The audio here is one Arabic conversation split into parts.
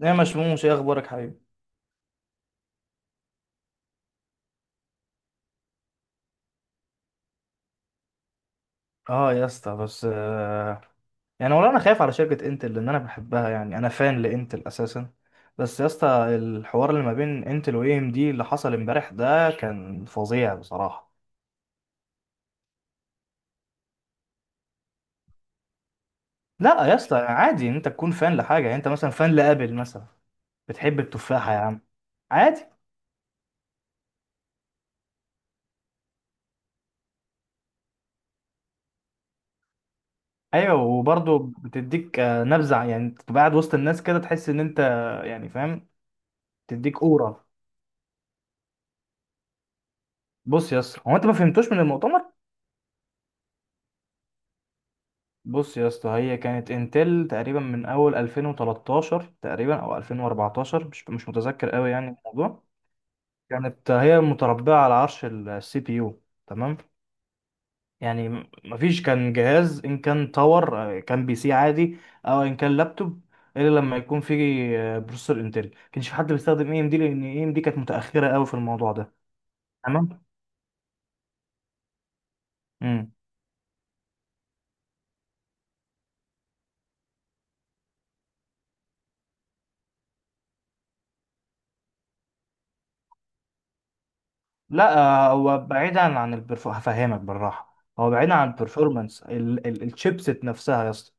يا مشموش، ايه اخبارك حبيبي؟ اه يا اسطى. بس آه، يعني والله انا خايف على شركه انتل لان انا بحبها، يعني انا فان لانتل اساسا. بس يا اسطى، الحوار اللي ما بين انتل واي ام دي اللي حصل امبارح ده كان فظيع بصراحه. لا يا اسطى، عادي ان انت تكون فان لحاجه، يعني انت مثلا فان لابل مثلا، بتحب التفاحه يا عم. عادي. ايوه وبرضه بتديك نبزه، يعني تبقى قاعد وسط الناس كده تحس ان انت، يعني فاهم. تديك اورا. بص يا اسطى، هو انت ما فهمتوش من المؤتمر؟ بص يا اسطى، هي كانت انتل تقريبا من اول 2013 تقريبا او 2014، مش متذكر قوي يعني الموضوع. كانت هي متربعه على عرش السي بي يو، تمام؟ يعني مفيش كان جهاز ان كان تاور كان بي سي عادي، او ان كان لابتوب، الا لما يكون فيه بروسيسور انتل. كانش في حد بيستخدم اي ام دي لان اي ام دي كانت متاخره قوي في الموضوع ده. تمام. امم. لا هو بعيدا عن البرف، هفهمك بالراحه. هو بعيدا عن البرفورمانس الشيبسيت نفسها يا اسطى.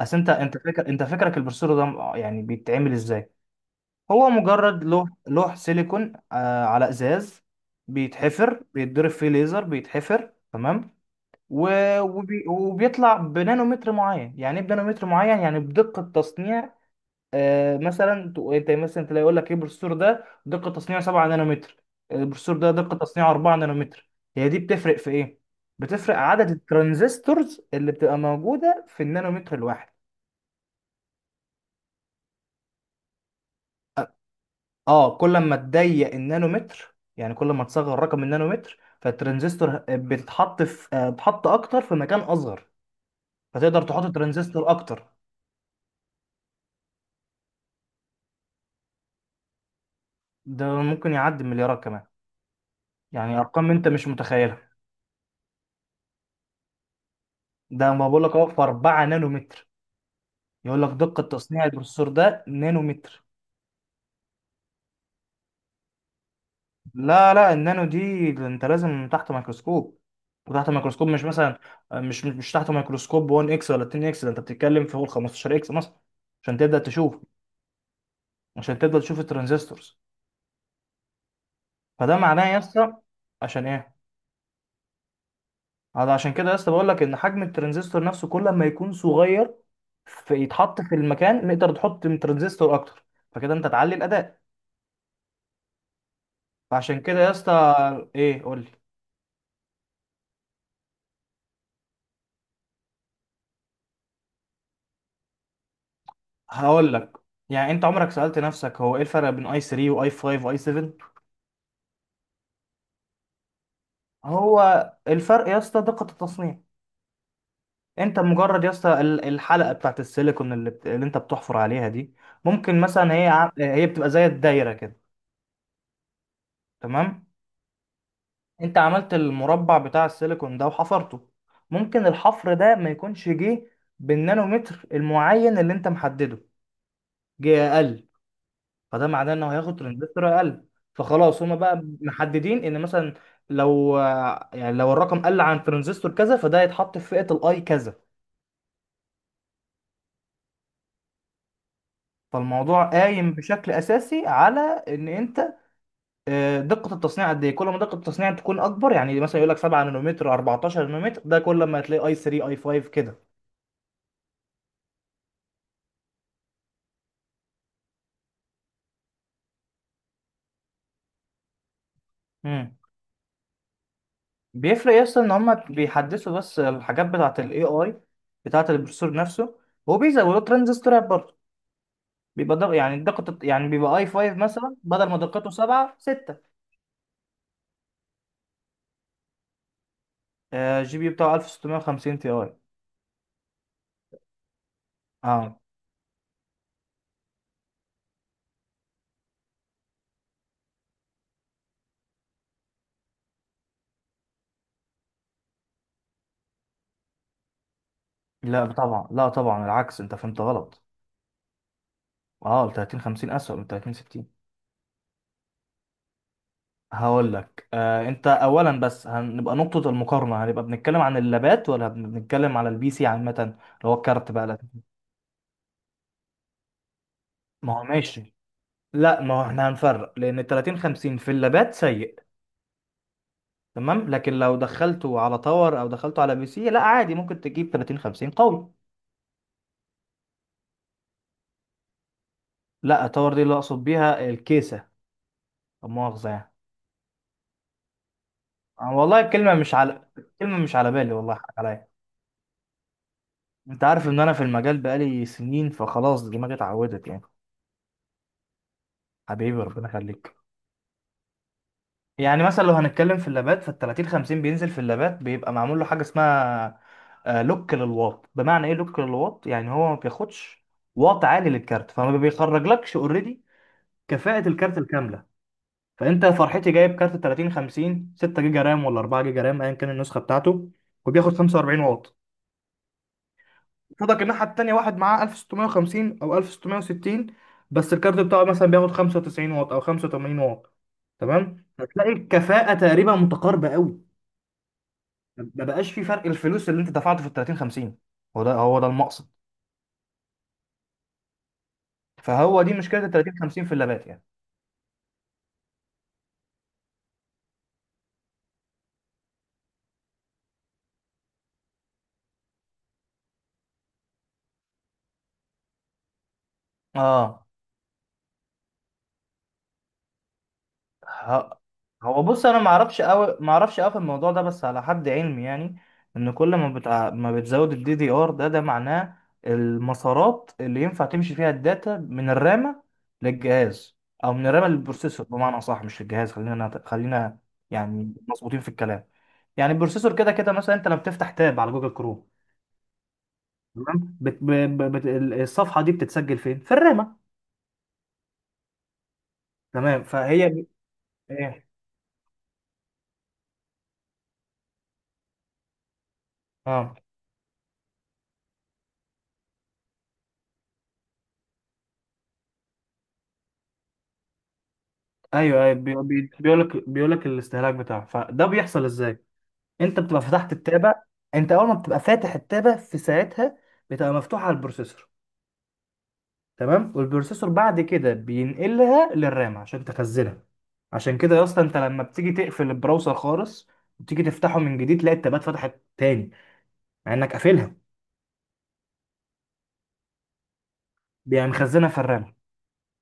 اصل انت، فاكر انت فاكرك البروسيسور ده يعني بيتعمل ازاي؟ هو مجرد لوح سيليكون آه على ازاز. بيتحفر، بيتضرب فيه ليزر، بيتحفر، تمام؟ وبيطلع بنانومتر معين. يعني ايه بنانومتر معين؟ يعني بدقة تصنيع. آه، مثلا انت مثلا تلاقي يقول لك ايه، البروسيسور ده دقة تصنيع 7 نانومتر، البروسيسور ده دقة تصنيع 4 نانومتر. هي دي بتفرق في ايه؟ بتفرق عدد الترانزستورز اللي بتبقى موجودة في النانومتر الواحد. اه، كل ما تضيق النانومتر، يعني كل ما تصغر رقم النانومتر، فالترانزستور بتتحط في، بتحط اكتر في مكان اصغر. فتقدر تحط ترانزستور اكتر. ده ممكن يعدي مليارات كمان. يعني ارقام انت مش متخيلها. ده ما بقول لك اهو، في 4 نانومتر. يقول لك دقة تصنيع البروسيسور ده نانومتر. لا لا، النانو دي انت لازم تحت ميكروسكوب. وتحت ميكروسكوب، مش مثلا، مش تحت ميكروسكوب 1 اكس ولا 2 اكس، ده انت بتتكلم في فوق 15 اكس مثلا عشان تبدأ تشوف، عشان تفضل تشوف الترانزستورز. فده معناه يا اسطى. عشان ايه؟ هذا عشان كده يا اسطى بقول لك ان حجم الترانزستور نفسه كل ما يكون صغير، فيتحط في المكان، نقدر تحط من ترانزستور اكتر. فكده انت تعلي الاداء. فعشان كده يا اسطى. ايه قول لي. هقول لك. يعني انت عمرك سألت نفسك هو ايه الفرق بين اي 3 واي 5 واي 7؟ هو الفرق يا اسطى دقة التصنيع. انت مجرد يا اسطى الحلقة بتاعت السيليكون اللي، اللي انت بتحفر عليها دي، ممكن مثلا هي بتبقى زي الدايرة كده، تمام؟ انت عملت المربع بتاع السيليكون ده وحفرته. ممكن الحفر ده ما يكونش جه بالنانومتر المعين اللي انت محدده، جه اقل. فده معناه انه هياخد ترانزستور اقل. فخلاص هما بقى محددين ان مثلا لو، يعني لو الرقم قل عن ترانزستور كذا فده هيتحط في فئة الاي كذا. فالموضوع قايم بشكل اساسي على ان انت، دقة التصنيع قد ايه. كل ما دقة التصنيع تكون اكبر، يعني مثلا يقول لك 7 نانومتر 14 نانومتر، ده كل ما هتلاقي اي 3 اي 5 كده. مم. بيفرق، يس، ان هما بيحدثوا بس الحاجات بتاعه الاي اي بتاعه البروسيسور نفسه. وبيزودوا ترانزستورات برضه. بيبقى يعني الدقة، يعني بيبقى اي 5 مثلا بدل ما دقته 7 6. آه، جي بي بتاعه 1650 تي اي. اه. لا طبعا، لا طبعا العكس، انت فهمت غلط. اه، ال 30 50 اسوأ من 30 60. هقول لك آه. انت اولا بس هنبقى نقطة المقارنة، هنبقى بنتكلم عن اللابات ولا بنتكلم على البي سي عامة، اللي هو الكارت بقى؟ لا. ما هو ماشي. لا، ما هو احنا هنفرق، لان 30 50 في اللابات سيء، تمام؟ لكن لو دخلته على تاور او دخلته على بي سي، لا عادي ممكن تجيب 30 50 قوي. لا، تاور دي اللي اقصد بيها الكيسه، لا مؤاخذه يعني. أنا والله الكلمه مش على، الكلمه مش على بالي والله، حق عليا. انت عارف ان انا في المجال بقالي سنين، فخلاص دماغي اتعودت يعني. حبيبي ربنا يخليك. يعني مثلا لو هنتكلم في اللابات، فال 30 50 بينزل في اللابات بيبقى معمول له حاجه اسمها لوك للواط. بمعنى ايه لوك للواط؟ يعني هو ما بياخدش واط عالي للكارت، فما بيخرجلكش اوريدي كفاءه الكارت الكامله. فانت فرحتي جايب كارت 30 50 6 جيجا رام ولا 4 جيجا رام ايا كان النسخه بتاعته، وبياخد 45 واط. فضلك الناحيه التانيه واحد معاه 1650 او 1660، بس الكارت بتاعه مثلا بياخد 95 واط او 85 واط. تمام. هتلاقي الكفاءه تقريبا متقاربه قوي. ما بقاش في فرق. الفلوس اللي انت دفعته في ال 30 50، هو ده هو ده المقصد. فهو دي مشكله ال 30 50 في اللابات يعني. اه. ه- هو بص، انا ما اعرفش قوي في الموضوع ده، بس على حد علمي يعني، ان كل ما ما بتزود الدي دي ار، ده ده معناه المسارات اللي ينفع تمشي فيها الداتا من الرامه للجهاز، او من الرامه للبروسيسور بمعنى صح، مش للجهاز. خلينا خلينا يعني مظبوطين في الكلام. يعني البروسيسور كده كده، مثلا انت لما بتفتح تاب على جوجل كروم، تمام؟ بت... ب... ب... بت... الصفحه دي بتتسجل فين؟ في الرامه. تمام. ايه. اه. ايوه ايوه، بيقول لك، بيقول لك الاستهلاك بتاعه. فده بيحصل ازاي؟ انت بتبقى فتحت التابع. انت اول ما بتبقى فاتح التابع في ساعتها، بتبقى مفتوحه على البروسيسور، تمام؟ والبروسيسور بعد كده بينقلها للرامه عشان تخزنها. عشان كده يا اسطى انت لما بتيجي تقفل البراوزر خالص وتيجي تفتحه من جديد، تلاقي التابات فتحت تاني مع انك قافلها. بيبقى مخزنها في الرام.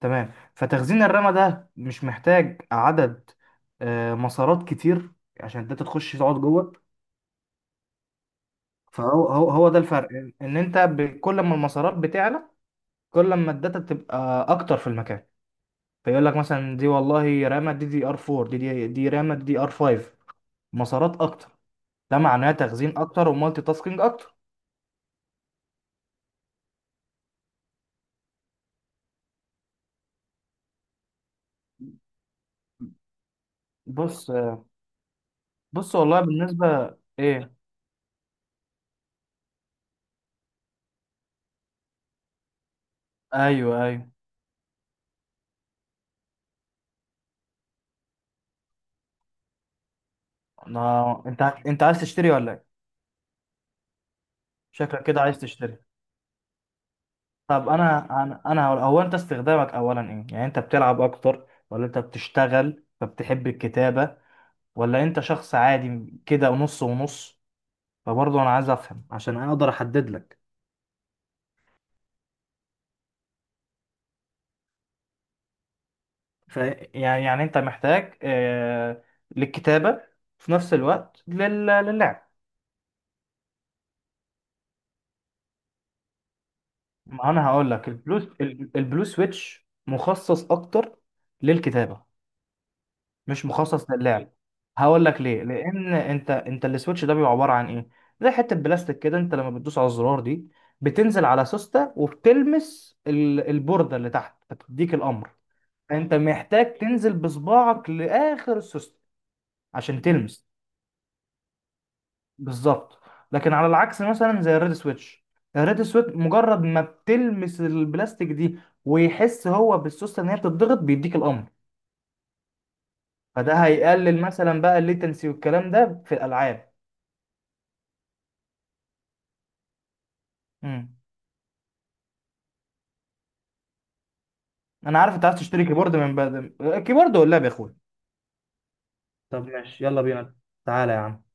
تمام. فتخزين الرمى ده مش محتاج عدد مسارات كتير عشان انت تخش تقعد جوه. فهو هو هو ده الفرق، ان إن انت كل ما المسارات بتعلى، كل ما الداتا تبقى اكتر في المكان. فيقول لك مثلا دي والله رامة دي دي ار 4، دي رامة دي ار 5، مسارات اكتر، ده معناه تخزين اكتر ومالتي تاسكينج اكتر. بص بص والله بالنسبة ايه. ايوه ايوه. انت عايز تشتري ولا ايه؟ شكلك كده عايز تشتري. طب انا، انا هو انت استخدامك اولا ايه؟ يعني انت بتلعب اكتر ولا انت بتشتغل فبتحب الكتابة، ولا انت شخص عادي كده نص ونص؟ فبرضه انا عايز افهم عشان اقدر احدد لك. ف، يعني انت محتاج آه للكتابة في نفس الوقت لل... للعب. ما انا هقول لك البلو. البلو سويتش مخصص اكتر للكتابة، مش مخصص للعب. هقول لك ليه. لان انت، السويتش ده بيبقى عباره عن ايه؟ زي حته بلاستيك كده، انت لما بتدوس على الزرار دي، بتنزل على سوسته وبتلمس البورده اللي تحت فتديك الامر. انت محتاج تنزل بصباعك لاخر السوسته عشان تلمس. بالظبط. لكن على العكس مثلا زي الريد سويتش. الريد سويتش مجرد ما بتلمس البلاستيك دي، ويحس هو بالسوسته ان هي بتضغط بيديك الامر. فده هيقلل مثلا بقى الليتنسي والكلام ده في الالعاب. انا عارف انت عايز تشتري كيبورد من بدل الكيبورد ولا يا اخويا. طب ماشي، يلا بينا. تعالى يا عم.